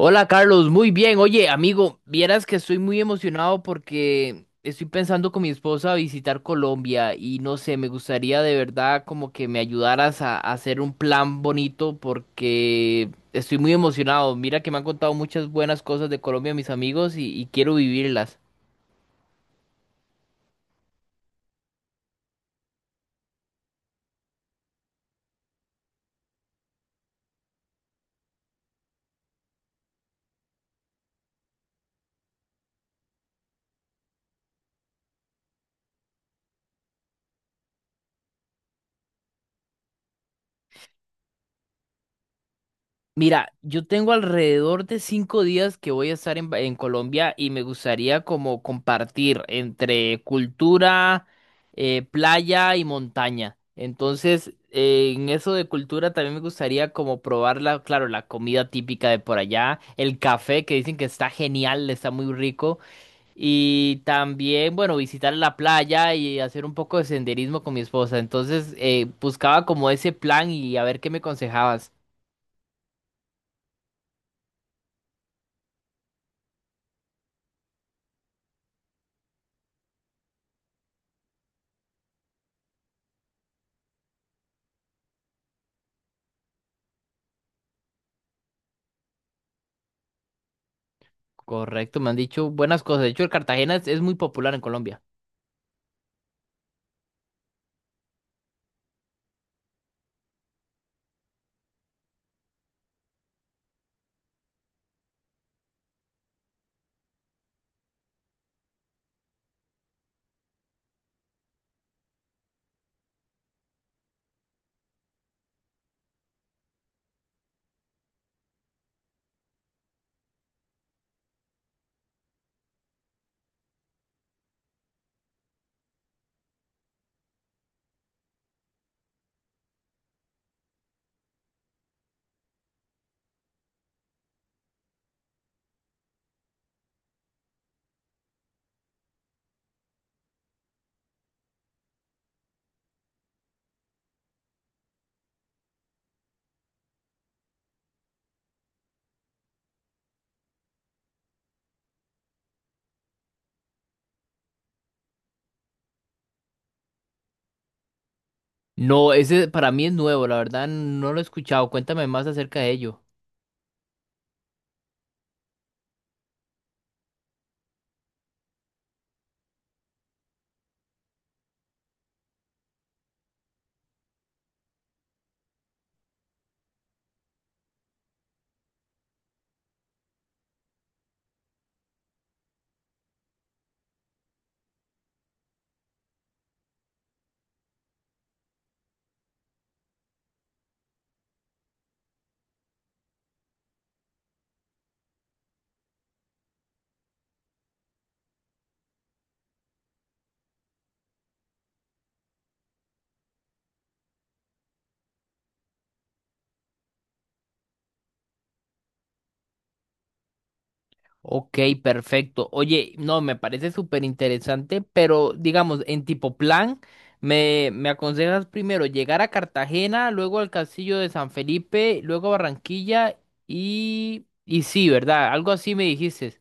Hola Carlos, muy bien. Oye, amigo, vieras que estoy muy emocionado porque estoy pensando con mi esposa visitar Colombia y no sé, me gustaría de verdad como que me ayudaras a hacer un plan bonito porque estoy muy emocionado. Mira que me han contado muchas buenas cosas de Colombia mis amigos y quiero vivirlas. Mira, yo tengo alrededor de 5 días que voy a estar en Colombia y me gustaría como compartir entre cultura, playa y montaña. Entonces, en eso de cultura también me gustaría como probar la, claro, la comida típica de por allá, el café que dicen que está genial, está muy rico. Y también, bueno, visitar la playa y hacer un poco de senderismo con mi esposa. Entonces, buscaba como ese plan y a ver qué me aconsejabas. Correcto, me han dicho buenas cosas. De hecho, el Cartagena es muy popular en Colombia. No, ese para mí es nuevo, la verdad no lo he escuchado. Cuéntame más acerca de ello. Ok, perfecto. Oye, no, me parece súper interesante, pero digamos, en tipo plan, me aconsejas primero llegar a Cartagena, luego al Castillo de San Felipe, luego a Barranquilla y sí, ¿verdad? Algo así me dijiste.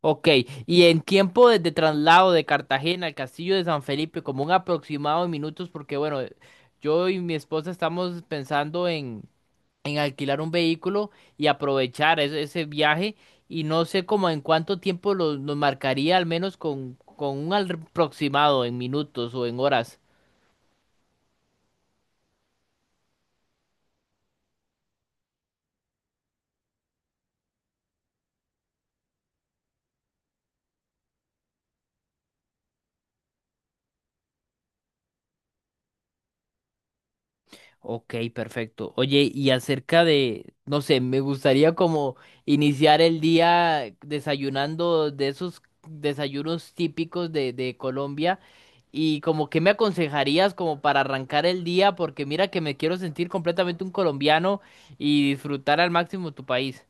Ok, y en tiempo de traslado de Cartagena al Castillo de San Felipe, como un aproximado de minutos, porque bueno, yo y mi esposa estamos pensando en, alquilar un vehículo y aprovechar ese viaje, y no sé cómo en cuánto tiempo nos marcaría, al menos con un aproximado en minutos o en horas. Ok, perfecto. Oye, y acerca de, no sé, me gustaría como iniciar el día desayunando de esos desayunos típicos de Colombia y como que me aconsejarías como para arrancar el día, porque mira que me quiero sentir completamente un colombiano y disfrutar al máximo tu país.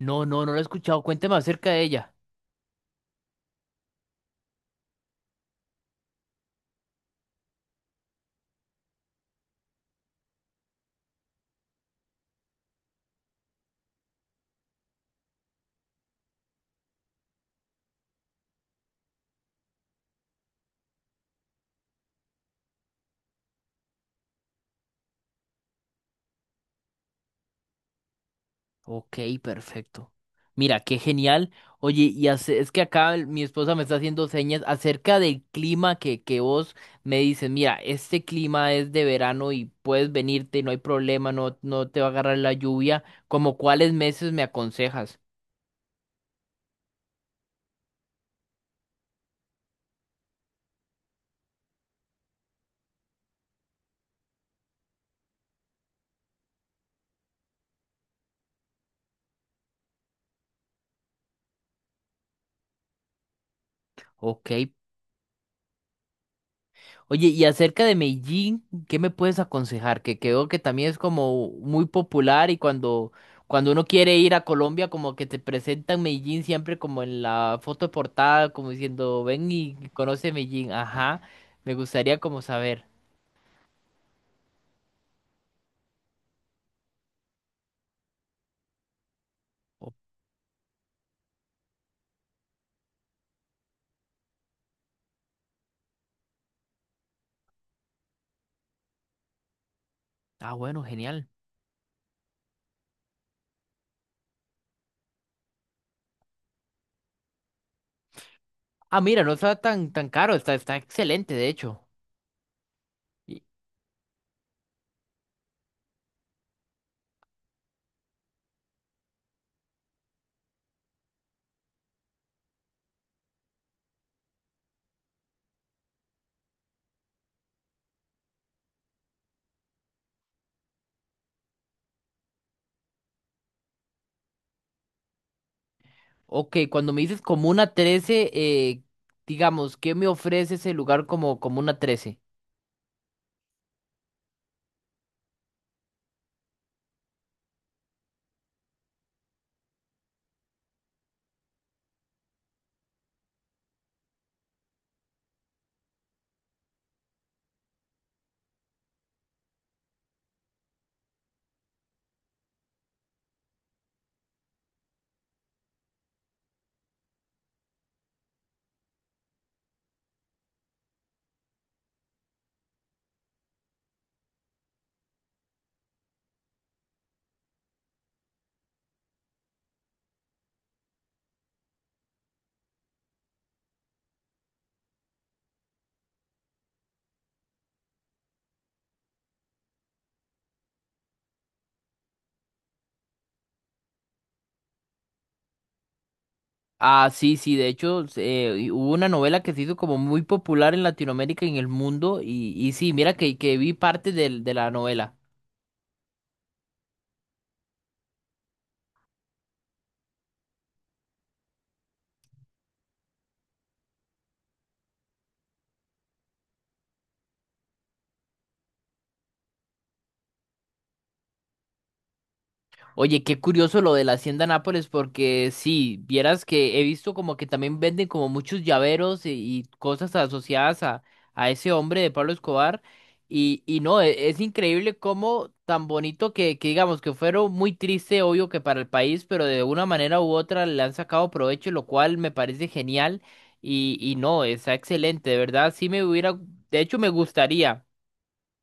No, no, no lo he escuchado. Cuéntame acerca de ella. Ok, perfecto. Mira, qué genial. Oye, y es que acá mi esposa me está haciendo señas acerca del clima que vos me dices, mira, este clima es de verano y puedes venirte, no hay problema, no, no te va a agarrar la lluvia. ¿Como cuáles meses me aconsejas? Ok. Oye, y acerca de Medellín, ¿qué me puedes aconsejar? Que creo que también es como muy popular y cuando uno quiere ir a Colombia, como que te presentan Medellín siempre como en la foto de portada, como diciendo, ven y conoce Medellín. Ajá, me gustaría como saber. Oh, ah, bueno, genial. Ah, mira, no está tan, tan caro, está excelente, de hecho. Y- Ok, cuando me dices Comuna 13, digamos, ¿qué me ofrece ese lugar como Comuna 13? Ah, sí, sí, de hecho, y hubo una novela que se hizo como muy popular en Latinoamérica y en el mundo, y sí, mira que vi parte de la novela. Oye, qué curioso lo de la Hacienda Nápoles, porque sí, vieras que he visto como que también venden como muchos llaveros y cosas asociadas a ese hombre de Pablo Escobar. Y no, es increíble cómo tan bonito que digamos que fueron muy triste, obvio que para el país, pero de una manera u otra le han sacado provecho, lo cual me parece genial. Y no, está excelente, de verdad, sí me hubiera, de hecho me gustaría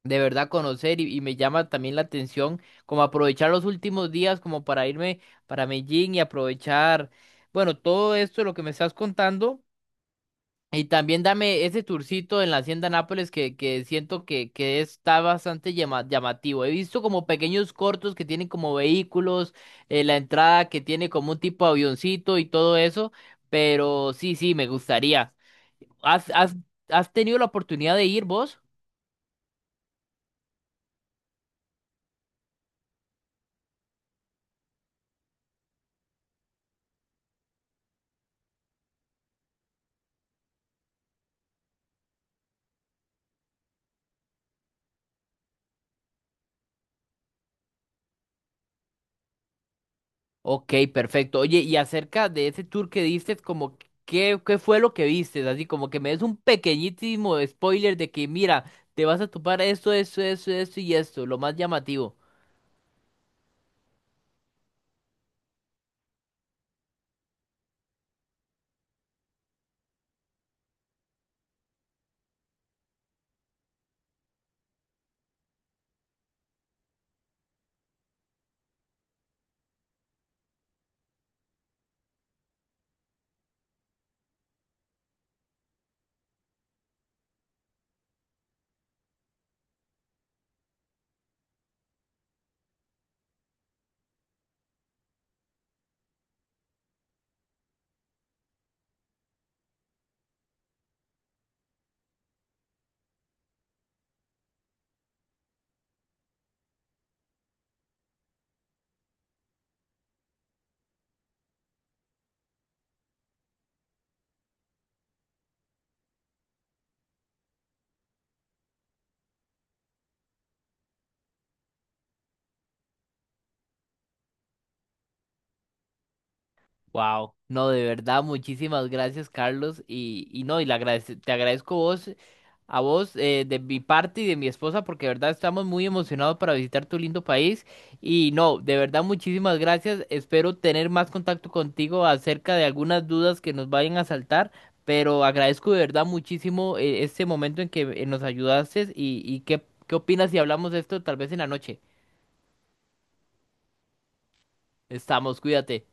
de verdad conocer y me llama también la atención como aprovechar los últimos días como para irme para Medellín y aprovechar, bueno, todo esto lo que me estás contando y también dame ese tourcito en la Hacienda Nápoles que siento que está bastante llamativo. He visto como pequeños cortos que tienen como vehículos, la entrada que tiene como un tipo avioncito y todo eso, pero sí, sí, me gustaría. ¿Has, has, has tenido la oportunidad de ir vos? Ok, perfecto. Oye, y acerca de ese tour que diste, como qué fue lo que viste, así como que me des un pequeñísimo spoiler de que mira, te vas a topar esto, esto, esto, esto y esto, lo más llamativo. Wow, no, de verdad, muchísimas gracias, Carlos. Y no, te agradezco vos, a vos, de mi parte y de mi esposa, porque de verdad estamos muy emocionados para visitar tu lindo país. Y no, de verdad, muchísimas gracias. Espero tener más contacto contigo acerca de algunas dudas que nos vayan a saltar, pero agradezco de verdad muchísimo, este momento en que nos ayudaste. Y qué opinas si hablamos de esto tal vez en la noche. Estamos, cuídate.